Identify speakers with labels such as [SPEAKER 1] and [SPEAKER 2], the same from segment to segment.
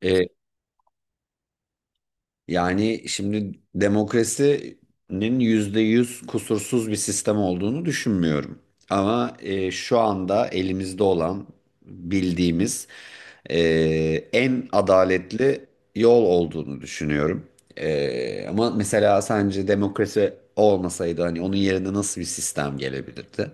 [SPEAKER 1] E, Yani şimdi demokrasinin %100 kusursuz bir sistem olduğunu düşünmüyorum. Ama şu anda elimizde olan bildiğimiz e, en adaletli yol olduğunu düşünüyorum. Ama mesela sence demokrasi olmasaydı hani onun yerine nasıl bir sistem gelebilirdi?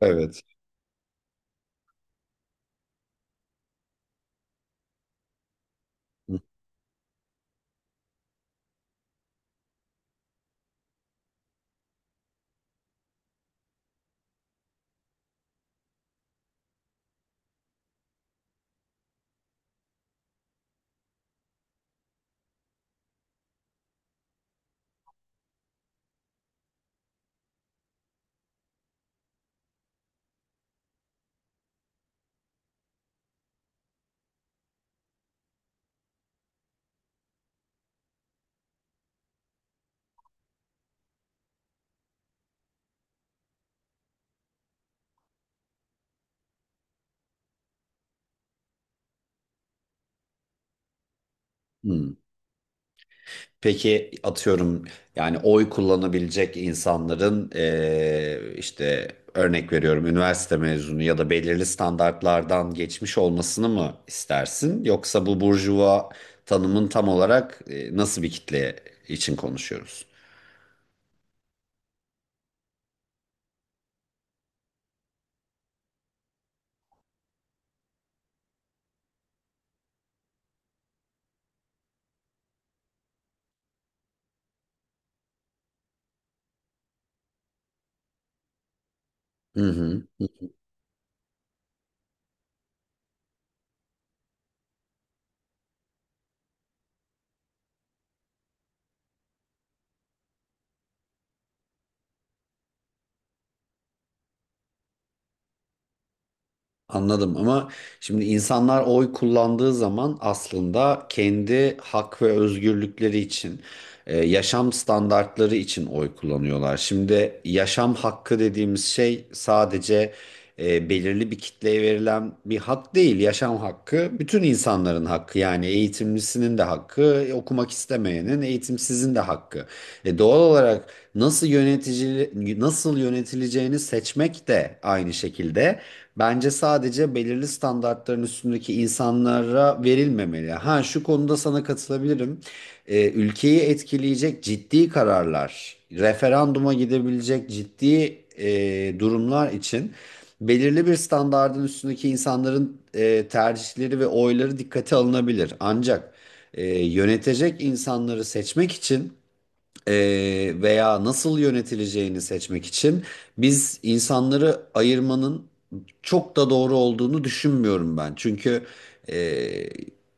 [SPEAKER 1] Evet. Hmm. Peki atıyorum yani oy kullanabilecek insanların işte örnek veriyorum üniversite mezunu ya da belirli standartlardan geçmiş olmasını mı istersin? Yoksa bu burjuva tanımın tam olarak nasıl bir kitle için konuşuyoruz? Hı hı. Anladım ama şimdi insanlar oy kullandığı zaman aslında kendi hak ve özgürlükleri için, yaşam standartları için oy kullanıyorlar. Şimdi yaşam hakkı dediğimiz şey sadece belirli bir kitleye verilen bir hak değil. Yaşam hakkı bütün insanların hakkı. Yani eğitimlisinin de hakkı, okumak istemeyenin, eğitimsizin de hakkı. Doğal olarak nasıl yönetici nasıl yönetileceğini seçmek de aynı şekilde bence sadece belirli standartların üstündeki insanlara verilmemeli. Ha, şu konuda sana katılabilirim. Ülkeyi etkileyecek ciddi kararlar, referanduma gidebilecek ciddi durumlar için belirli bir standardın üstündeki insanların tercihleri ve oyları dikkate alınabilir. Ancak yönetecek insanları seçmek için e, veya nasıl yönetileceğini seçmek için biz insanları ayırmanın çok da doğru olduğunu düşünmüyorum ben. Çünkü e,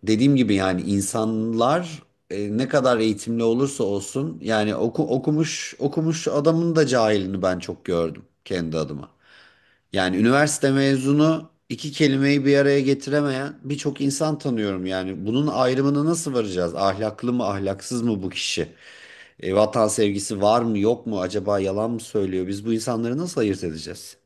[SPEAKER 1] dediğim gibi yani insanlar ne kadar eğitimli olursa olsun yani okumuş okumuş adamın da cahilini ben çok gördüm kendi adıma. Yani üniversite mezunu iki kelimeyi bir araya getiremeyen birçok insan tanıyorum yani. Bunun ayrımına nasıl varacağız? Ahlaklı mı, ahlaksız mı bu kişi? Vatan sevgisi var mı, yok mu? Acaba yalan mı söylüyor? Biz bu insanları nasıl ayırt edeceğiz?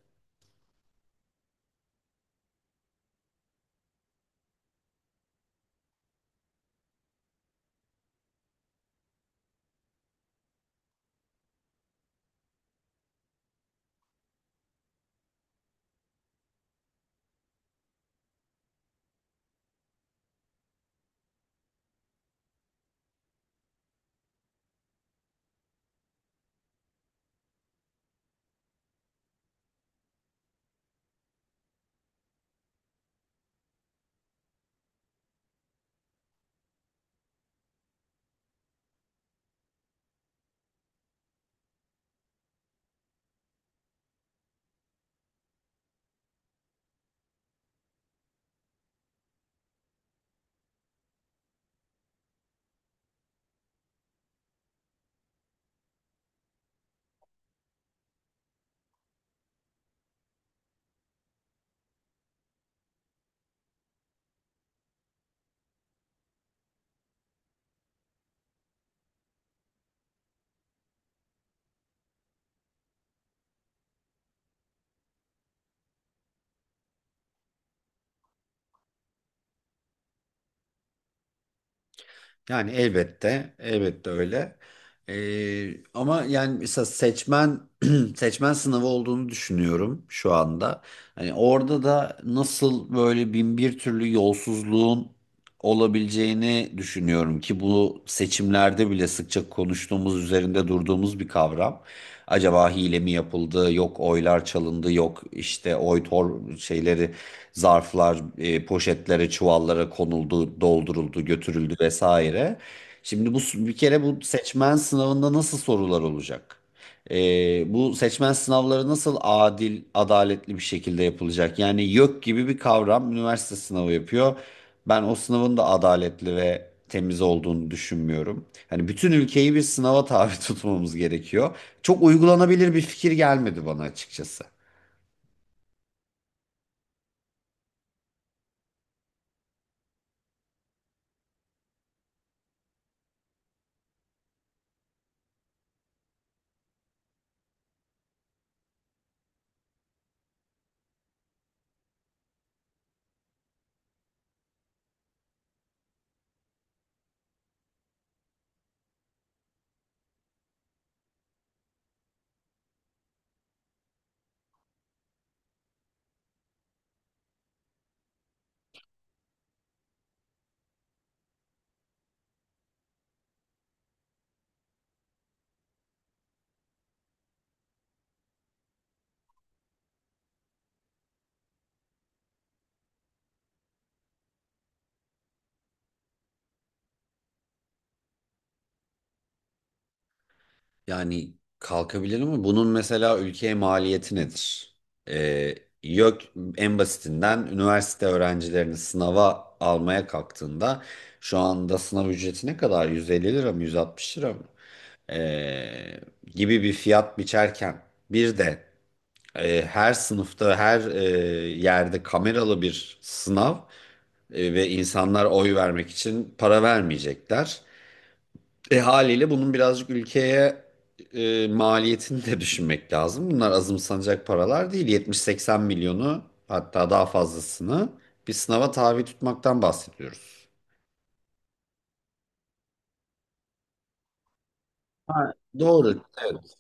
[SPEAKER 1] Yani elbette, elbette öyle. Ama yani mesela seçmen seçmen sınavı olduğunu düşünüyorum şu anda. Hani orada da nasıl böyle bin bir türlü yolsuzluğun olabileceğini düşünüyorum ki bu seçimlerde bile sıkça konuştuğumuz, üzerinde durduğumuz bir kavram. Acaba hile mi yapıldı, yok oylar çalındı, yok işte oy tor şeyleri zarflar, poşetlere, çuvallara konuldu, dolduruldu, götürüldü vesaire. Şimdi bu bir kere bu seçmen sınavında nasıl sorular olacak? E, Bu seçmen sınavları nasıl adil, adaletli bir şekilde yapılacak? Yani YÖK gibi bir kavram üniversite sınavı yapıyor. Ben o sınavın da adaletli ve temiz olduğunu düşünmüyorum. Hani bütün ülkeyi bir sınava tabi tutmamız gerekiyor. Çok uygulanabilir bir fikir gelmedi bana açıkçası. Yani kalkabilir ama bunun mesela ülkeye maliyeti nedir? Ee, Yok, en basitinden üniversite öğrencilerini sınava almaya kalktığında şu anda sınav ücreti ne kadar? 150 lira mı, 160 lira mı? Ee, Gibi bir fiyat biçerken bir de her sınıfta her yerde kameralı bir sınav ve insanlar oy vermek için para vermeyecekler. E haliyle bunun birazcık ülkeye maliyetini de düşünmek lazım. Bunlar azımsanacak paralar değil. 70-80 milyonu hatta daha fazlasını bir sınava tabi tutmaktan bahsediyoruz. Ha, doğru. Evet.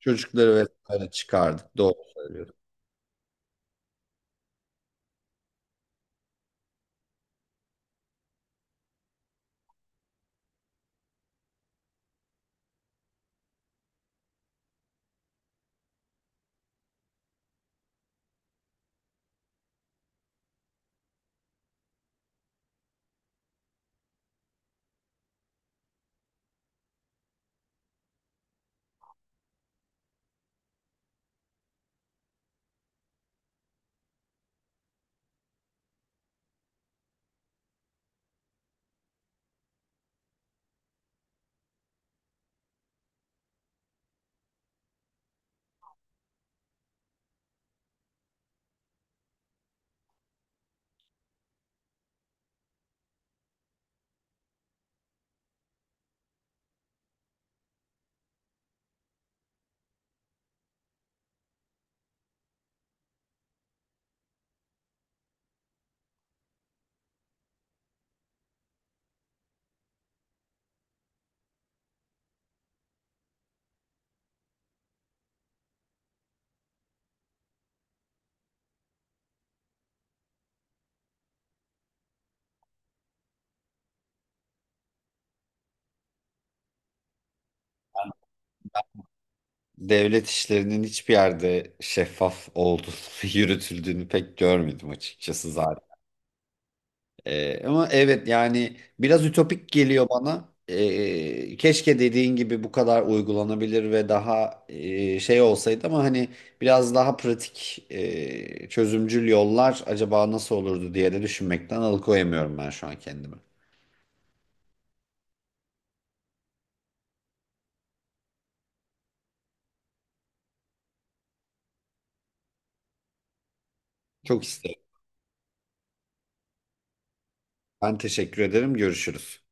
[SPEAKER 1] Çocukları vesaire çıkardık. Doğru söylüyorum. Devlet işlerinin hiçbir yerde şeffaf olduğunu, yürütüldüğünü pek görmedim açıkçası. Ama evet yani biraz ütopik geliyor bana. Keşke dediğin gibi bu kadar uygulanabilir ve daha şey olsaydı ama hani biraz daha pratik çözümcül yollar acaba nasıl olurdu diye de düşünmekten alıkoyamıyorum ben şu an kendimi. Çok isterim. Ben teşekkür ederim. Görüşürüz.